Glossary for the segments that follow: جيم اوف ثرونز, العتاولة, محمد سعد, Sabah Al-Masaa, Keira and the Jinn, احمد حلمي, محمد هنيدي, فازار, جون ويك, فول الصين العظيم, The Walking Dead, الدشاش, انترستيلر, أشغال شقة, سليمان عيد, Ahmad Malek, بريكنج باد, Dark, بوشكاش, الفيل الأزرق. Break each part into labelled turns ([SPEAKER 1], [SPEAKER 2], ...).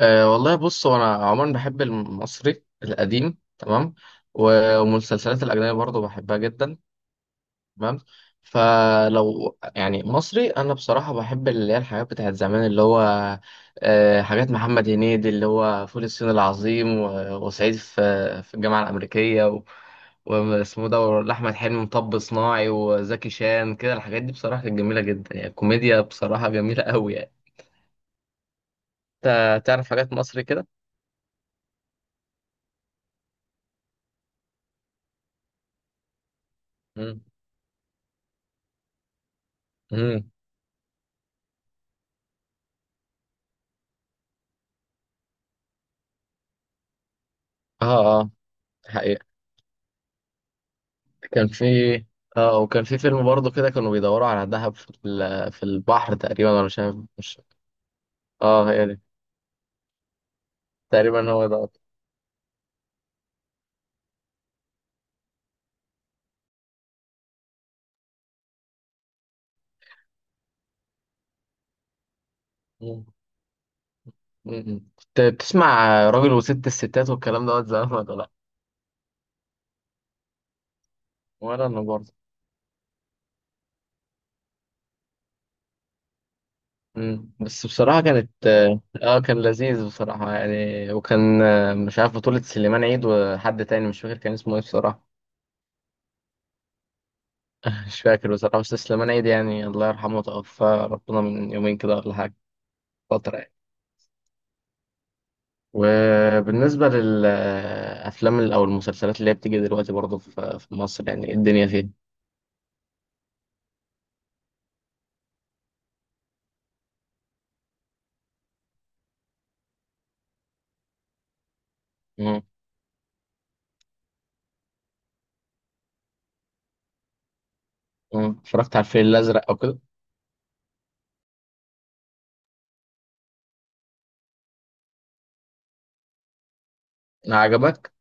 [SPEAKER 1] والله بص هو انا عموما بحب المصري القديم. تمام. والمسلسلات الاجنبيه برضو بحبها جدا. تمام. فلو يعني مصري انا بصراحه بحب اللي هي الحاجات بتاعت زمان اللي هو حاجات محمد هنيدي اللي هو فول الصين العظيم وصعيدي في الجامعه الامريكيه واسمه ده احمد حلمي، مطب صناعي، وزكي شان، كده الحاجات دي بصراحه كانت جميله جدا، يعني الكوميديا بصراحه جميله قوي يعني. انت تعرف حاجات مصري كده؟ مم. مم. اه اه. حقيقة كان في، اه، وكان في فيلم برضه كده كانوا بيدوروا على دهب في في البحر تقريبا، انا مش عارف، مش. اه هي دي. تقريبا هو ده. مم. مم. كنت بتسمع راجل وست الستات والكلام دوت زمان ولا لا؟ ولا انا برضه. مم. بس بصراحة كانت، اه، كان لذيذ بصراحة يعني. وكان مش عارف، بطولة سليمان عيد وحد تاني مش فاكر كان اسمه ايه بصراحة. مش فاكر بصراحة، بس سليمان عيد يعني الله يرحمه، توفى ربنا من يومين كده ولا حاجة، فترة يعني. وبالنسبة للأفلام أو المسلسلات اللي هي بتيجي دلوقتي برضه في مصر، يعني إيه الدنيا فيها. مم. مم. اتفرجت على الفيل الأزرق أو كده؟ عجبك؟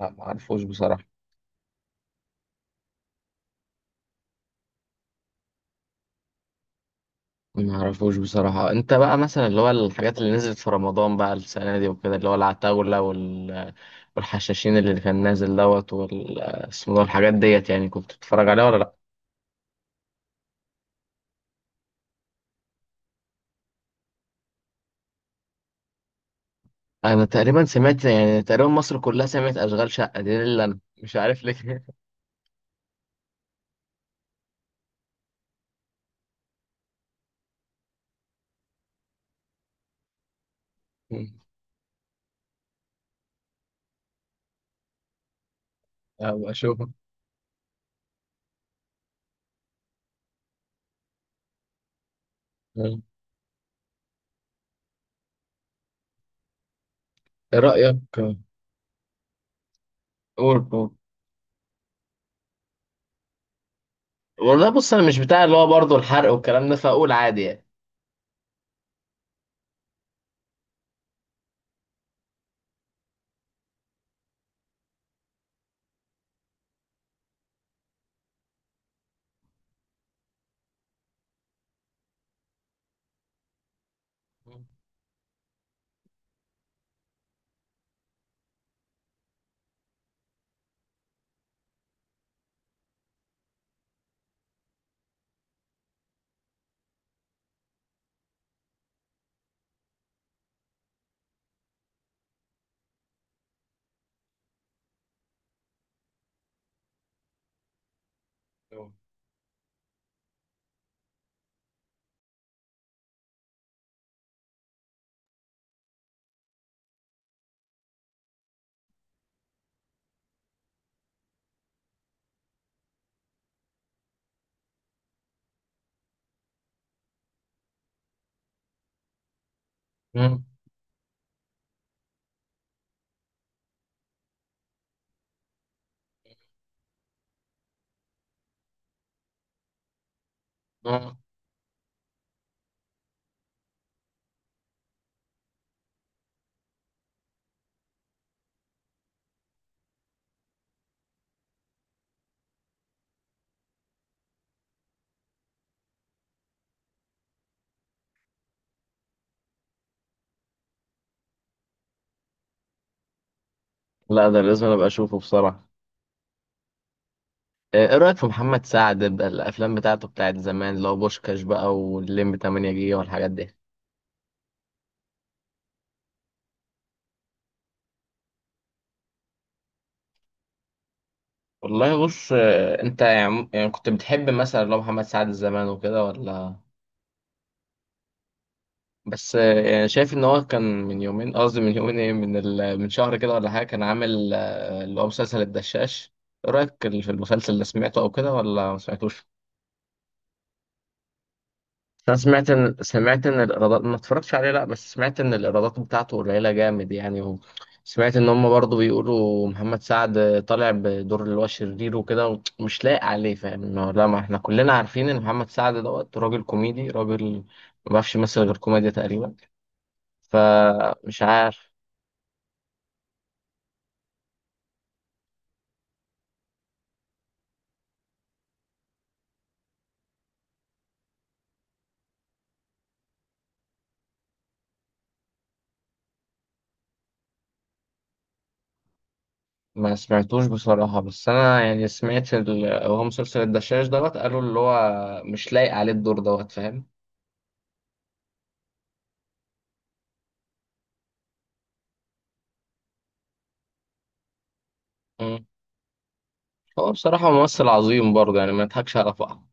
[SPEAKER 1] لا ما عرفوش بصراحة. ما عرفوش بصراحة. أنت بقى مثلا اللي هو الحاجات اللي نزلت في رمضان بقى السنة دي وكده، اللي هو العتاولة والحشاشين اللي كان نازل دوت، وال اسمه ده، الحاجات ديت، يعني كنت بتتفرج عليها ولا لأ؟ أنا تقريبا سمعت، يعني تقريبا مصر كلها سمعت أشغال شقة دي، اللي أنا مش عارف ليه. أبقى أشوفها. ايه رأيك؟ قول قول. والله بص انا مش بتاع اللي هو برضه الحرق والكلام ده، فاقول عادي يعني. مم. مم. لا ده لازم أنا ابقى اشوفه بصراحه. ايه، إيه رايك في محمد سعد بقى، الافلام بتاعته بتاعت زمان اللي هو بوشكاش بقى واللمبي 8 جيجا والحاجات دي؟ والله بص انت يعني، كنت بتحب مثلا لو محمد سعد زمان وكده ولا؟ بس يعني شايف ان هو كان من يومين، قصدي من يومين، ايه، من شهر كده ولا حاجه، كان عامل اللي هو مسلسل الدشاش. ايه رايك في المسلسل؟ اللي سمعته او كده ولا ما سمعتوش؟ انا سمعت ان، سمعت ان الايرادات، ما اتفرجتش عليه لا، بس سمعت ان الايرادات بتاعته قليله جامد يعني. وسمعت ان هم برضو بيقولوا محمد سعد طالع بدور اللي هو شرير وكده ومش لايق عليه، فاهم إنه لا، ما احنا كلنا عارفين ان محمد سعد دوت راجل كوميدي، راجل ما بيعرفش يمثل غير كوميديا تقريبا، فمش عارف. ما سمعتوش بصراحة، بس أنا يعني سمعت هو مسلسل الدشاش دوت، قالوا اللي هو مش لايق عليه الدور دوت، فاهم. مم. هو بصراحة ممثل عظيم برضه يعني، ما يضحكش على بعض.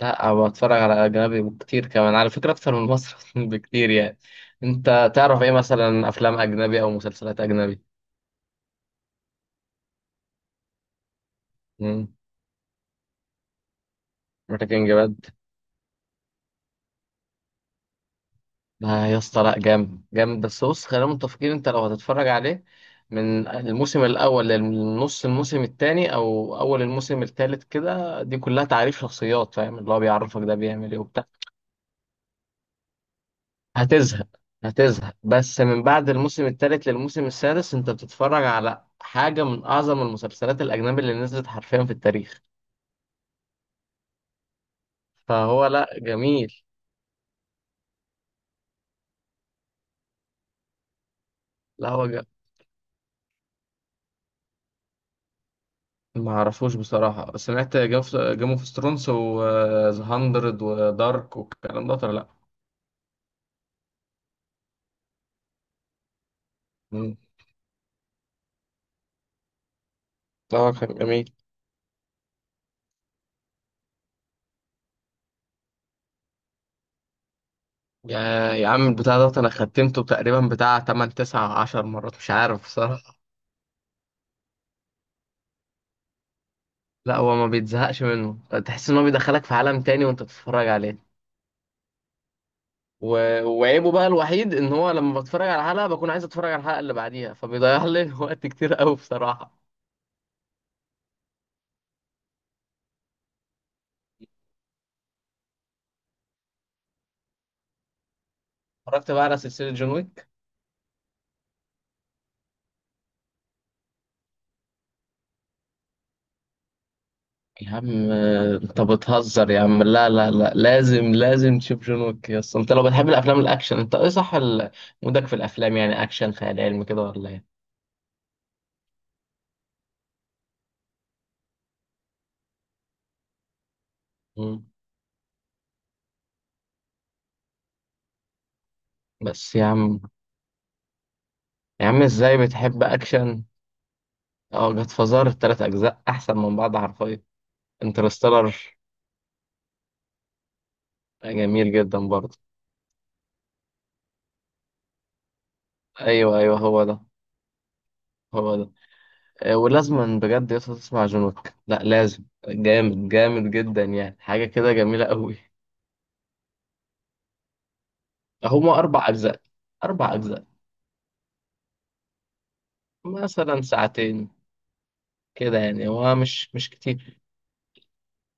[SPEAKER 1] لا أنا بتفرج على أجنبي كتير، كمان على فكرة أكتر من مصر بكتير يعني. أنت تعرف إيه مثلا أفلام أجنبي أو مسلسلات أجنبي؟ بريكنج باد. ما يا اسطى لا، جامد جامد، بس بص خلينا متفقين، انت لو هتتفرج عليه من الموسم الاول للنص الموسم الثاني او اول الموسم الثالث كده، دي كلها تعريف شخصيات، فاهم، اللي هو بيعرفك ده بيعمل ايه وبتاع. هتزهق. هتزهق، بس من بعد الموسم الثالث للموسم السادس انت بتتفرج على حاجة من اعظم المسلسلات الاجنبي اللي نزلت حرفيا في التاريخ. فهو لا، جميل. لا هو جميل. ما اعرفوش بصراحة. سمعت جيم اوف ثرونز وذا هاندرد ودارك والكلام ده ولا لا؟ مم. اه كان جميل. يا، يا عم البتاع ده انا ختمته تقريبا بتاع 8 9 10 مرات مش عارف بصراحة. لا هو ما بيتزهقش منه، تحس ان هو بيدخلك في عالم تاني وانت بتتفرج عليه. و... وعيبه بقى الوحيد ان هو لما بتفرج على حلقة بكون عايز اتفرج على الحلقة اللي بعديها، فبيضيع لي وقت كتير قوي بصراحة. اتفرجت بقى على سلسلة جون ويك؟ يا عم انت بتهزر يا عم، لا لا لا، لازم لازم تشوف جون ويك يا اسطى، انت لو بتحب الافلام الاكشن، انت ايه صح مودك في الافلام، يعني اكشن خيال علمي كده ولا ايه؟ مم. بس يا عم، يا عم ازاي بتحب اكشن. اه جاد فازار التلات اجزاء احسن من بعض حرفيا. انترستيلر جميل جدا برضه. ايوه ايوه هو ده. هو ده. اه، ولازم بجد يا اسطى تسمع جون ويك، لا لازم، جامد جامد جدا يعني، حاجه كده جميله قوي. هما اربع اجزاء. اربع اجزاء. مثلا ساعتين كده يعني، هو مش كتير.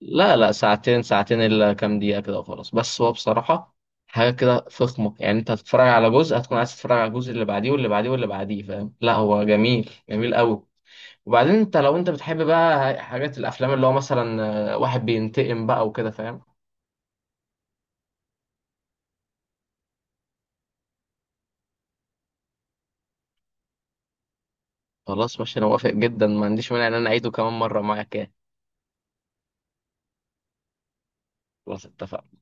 [SPEAKER 1] لا لا ساعتين، ساعتين الا كام دقيقة كده وخلاص. بس هو بصراحة حاجة كده فخمة يعني، انت هتتفرج على جزء هتكون عايز تتفرج على الجزء اللي بعديه واللي بعديه واللي بعديه، فاهم، لا هو جميل، جميل قوي. وبعدين انت لو انت بتحب بقى حاجات الافلام اللي هو مثلا، واحد بينتقم بقى وكده فاهم. خلاص ماشي انا موافق جدا، ما عنديش مانع ان انا اعيده كمان مرة معاك يعني. خلاص اتفقنا.